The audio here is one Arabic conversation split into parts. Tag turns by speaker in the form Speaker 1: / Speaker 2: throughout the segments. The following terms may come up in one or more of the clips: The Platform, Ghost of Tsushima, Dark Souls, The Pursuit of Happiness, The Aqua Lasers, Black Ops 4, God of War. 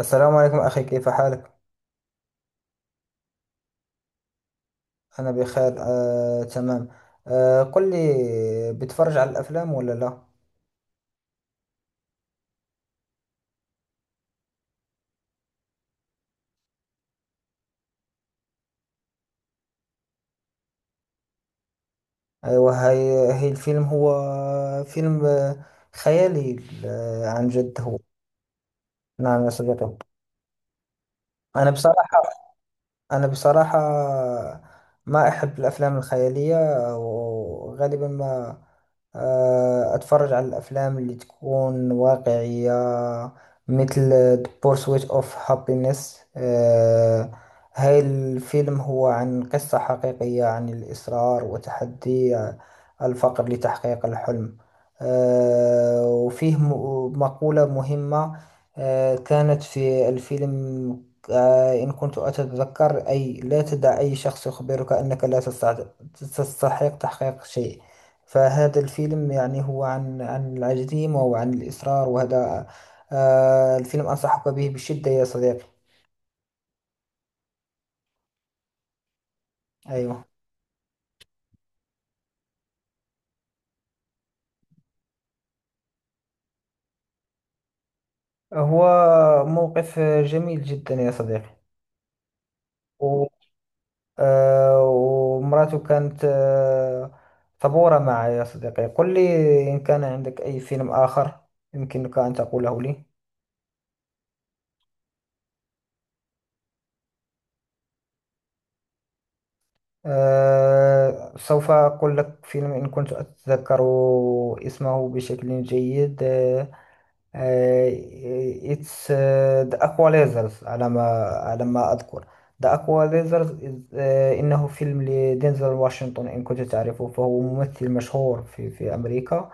Speaker 1: السلام عليكم أخي، كيف حالك؟ أنا بخير، تمام. قل لي، بتفرج على الأفلام ولا لا؟ أيوة، هي الفيلم هو فيلم خيالي. عن جد هو. نعم يا صديقي. أنا بصراحة أنا بصراحة ما أحب الأفلام الخيالية، وغالبا ما أتفرج على الأفلام اللي تكون واقعية، مثل The Pursuit of Happiness. آه، هاي الفيلم هو عن قصة حقيقية، عن الإصرار وتحدي الفقر لتحقيق الحلم. وفيه مقولة مهمة كانت في الفيلم، إن كنت أتذكر، أي لا تدع أي شخص يخبرك أنك لا تستع- تستحق تحقيق شيء. فهذا الفيلم يعني هو عن العزيمة وعن الإصرار، وهذا الفيلم أنصحك به بشدة يا صديقي. أيوه، هو موقف جميل جدا يا صديقي. و- ومراته كانت صبورة معي يا صديقي. قل لي، إن كان عندك أي فيلم آخر يمكنك أن تقوله لي. سوف أقول لك فيلم، إن كنت أتذكر اسمه بشكل جيد. آه، It's The Aqua Lasers، على ما أذكر. The Aqua Lasers إنه فيلم لدينزل واشنطن، إن كنت تعرفه فهو ممثل مشهور في أمريكا.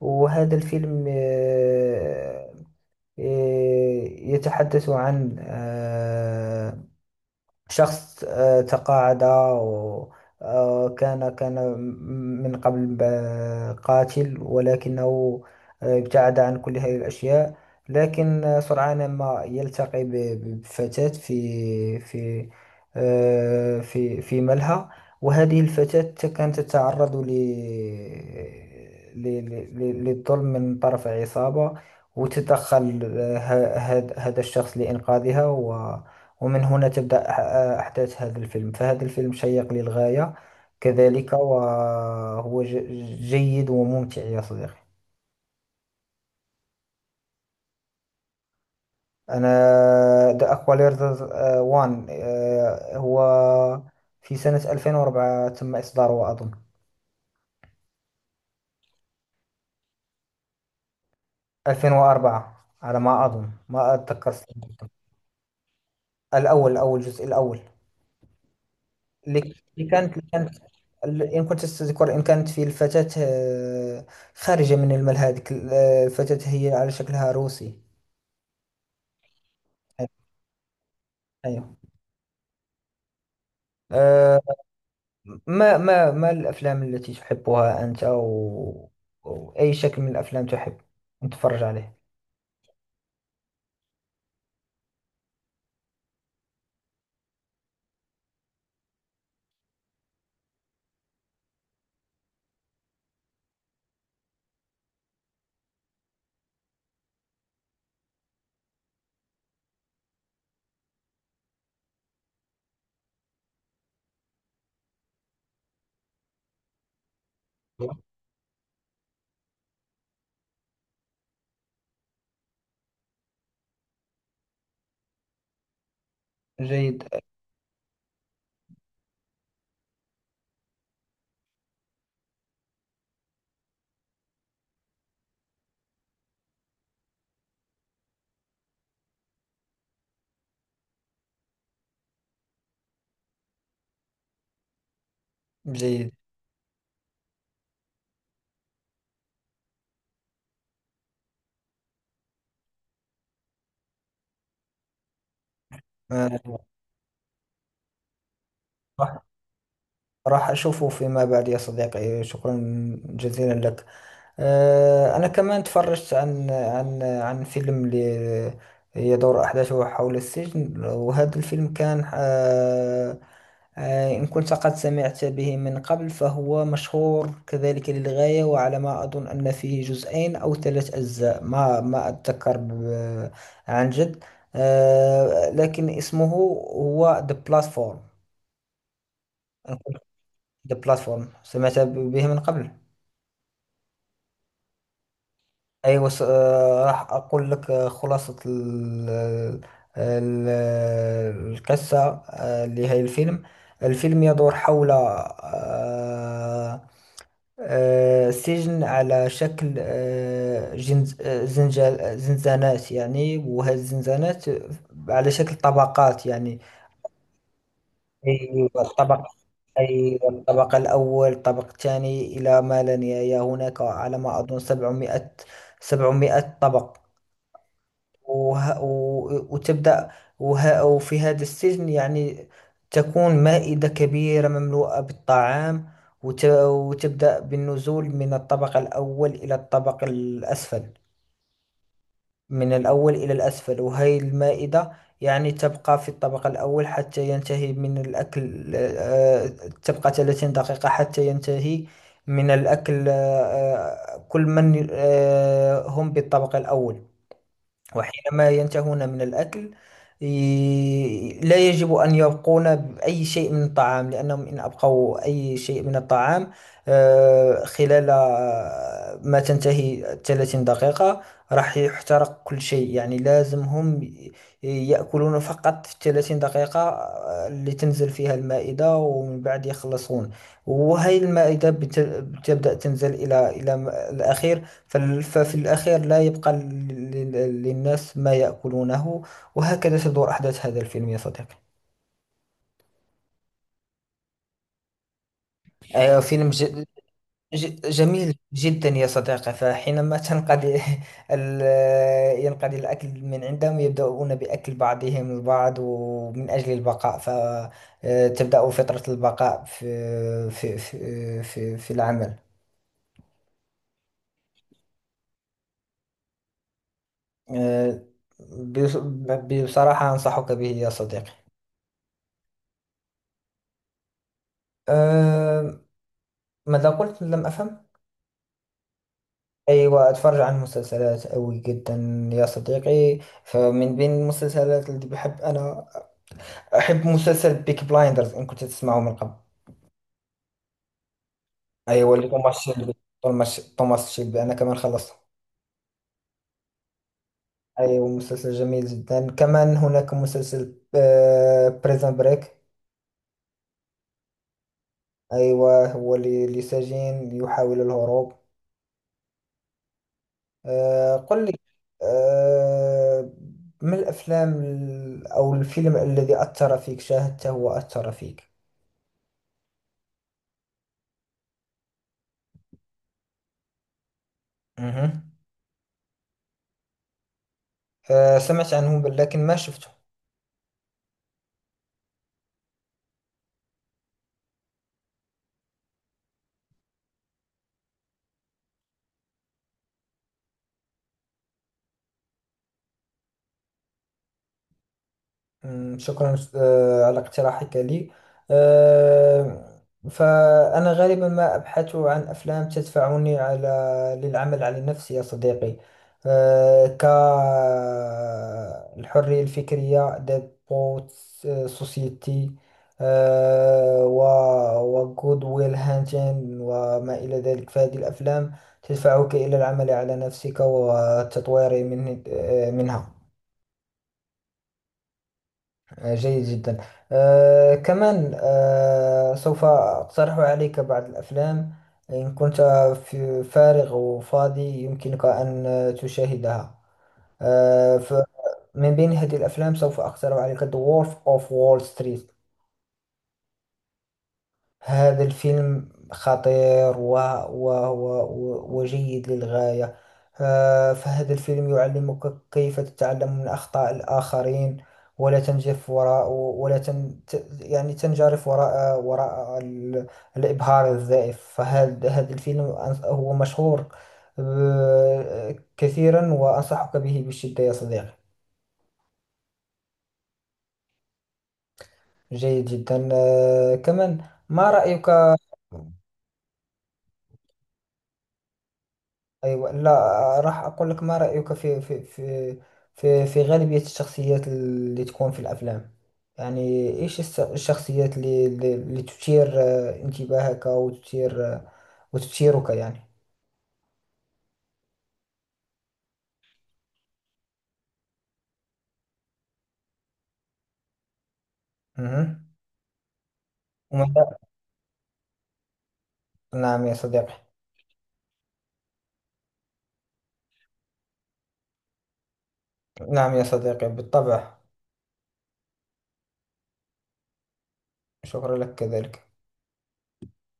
Speaker 1: وهذا الفيلم يتحدث عن شخص تقاعد. وكان كان كان من قبل قاتل، ولكنه ابتعد عن كل هذه الأشياء. لكن سرعان ما يلتقي بفتاة في في ملهى. وهذه الفتاة كانت تتعرض للظلم من طرف عصابة، وتدخل هذا الشخص لإنقاذها. ومن هنا تبدأ أحداث هذا الفيلم، فهذا الفيلم شيق للغاية كذلك، وهو جيد وممتع يا صديقي. أنا The Aqualad وان، هو في سنة 2004 تم إصداره أظن. 2004 على ما أظن، ما أتذكر السنة بالضبط. الأول، الجزء الأول. اللي اللي كانت اللي كانت إن كنت تذكر، إن كانت في الفتاة خارجة من المال، هذيك الفتاة هي على شكلها روسي. أيوه. أه. ما الأفلام التي تحبها أنت، أو أي شكل من الأفلام تحب نتفرج عليه؟ جيد. جيد. أه. راح راح أشوفه فيما بعد يا صديقي، شكرا جزيلا لك. أنا كمان تفرجت عن فيلم يدور أحداثه حول السجن، وهذا الفيلم كان إن كنت قد سمعت به من قبل، فهو مشهور كذلك للغاية. وعلى ما أظن أن فيه جزئين أو ثلاث أجزاء، ما أتذكر عن جد. لكن اسمه هو The Platform. أنا كنت The Platform سمعت به من قبل. ايوه راح اقول لك خلاصة القصة لهذا الفيلم. الفيلم يدور حول سجن على شكل زنزانات يعني، وهذه الزنزانات على شكل طبقات يعني. أيوة، أيوة الطبق الأول، الطبق الثاني، إلى ما لا نهاية. هناك على ما أظن سبعمائة، سبعمائة طبق. وه... و... وتبدأ، وفي هذا السجن يعني تكون مائدة كبيرة مملوءة بالطعام. وتبدأ بالنزول من الطبق الأول إلى الطبق الأسفل، من الأول إلى الأسفل. وهي المائدة، يعني تبقى في الطبق الأول حتى ينتهي من الأكل. تبقى 30 دقيقة حتى ينتهي من الأكل، كل من هم بالطبق الأول. وحينما ينتهون من الأكل، لا يجب أن يبقون بأي شيء من الطعام، لأنهم إن أبقوا أي شيء من الطعام خلال ما تنتهي 30 دقيقة راح يحترق كل شيء. يعني لازم هم يأكلون فقط في 30 دقيقة، اللي تنزل فيها المائدة، ومن بعد يخلصون. وهي المائدة بتبدأ تنزل إلى الأخير، ففي الأخير لا يبقى للناس ما يأكلونه. وهكذا تدور أحداث هذا الفيلم يا صديقي. فيلم جميل جدا يا صديقي. فحينما تنقضي ينقضي الأكل من عندهم، يبدأون بأكل بعضهم البعض ومن أجل البقاء، فتبدأ فترة البقاء في في العمل. آه، بص- بصراحة أنصحك به يا صديقي. آه، ماذا قلت؟ لم أفهم. أيوة، أتفرج عن مسلسلات أوي جدا يا صديقي. فمن بين المسلسلات اللي بحب، أنا أحب مسلسل بيك بلايندرز، إن كنت تسمعه من قبل. أيوة، اللي توماس شيلبي. توماس شيلبي، أنا كمان خلصته. أيوة، مسلسل جميل جدا. كمان هناك مسلسل بريزن بريك. أيوة، هو اللي سجين يحاول الهروب. قل لي، آه، ما الأفلام أو الفيلم الذي أثر فيك، شاهدته وأثر فيك؟ مهم. سمعت عنه بل لكن ما شفته. مم، شكرا على اقتراحك لي. آه، فأنا غالبا ما أبحث عن أفلام تدفعني للعمل على نفسي يا صديقي. كالحرية الفكرية، ديبوت سوسيتي، وجود ويل هانتين، وما إلى ذلك. فهذه الأفلام تدفعك إلى العمل على نفسك والتطوير من منها. جيد جدا. آه، كمان، آه، سوف أقترح عليك بعض الأفلام. إن كنت في فارغ وفاضي، يمكنك أن تشاهدها. آه، فمن بين هذه الأفلام سوف أقترح عليك The Wolf of Wall Street. هذا الفيلم خطير وجيد للغاية. فهذا الفيلم يعلمك كيف تتعلم من أخطاء الآخرين، ولا تنجرف وراء ولا تن... ت- يعني تنجرف وراء وراء ال... الإبهار الزائف. فهذا الفيلم هو مشهور كثيرا، وأنصحك به بشدة يا صديقي. جيد جدا. كمان، ما رأيك؟ أيوة، لا، راح أقول لك. ما رأيك في في غالبية الشخصيات اللي تكون في الأفلام؟ يعني إيش الشخصيات اللي تثير انتباهك، وتثير وتثيرك يعني؟ مهم. وماذا- نعم يا صديقي. نعم يا صديقي بالطبع. شكرا لك كذلك.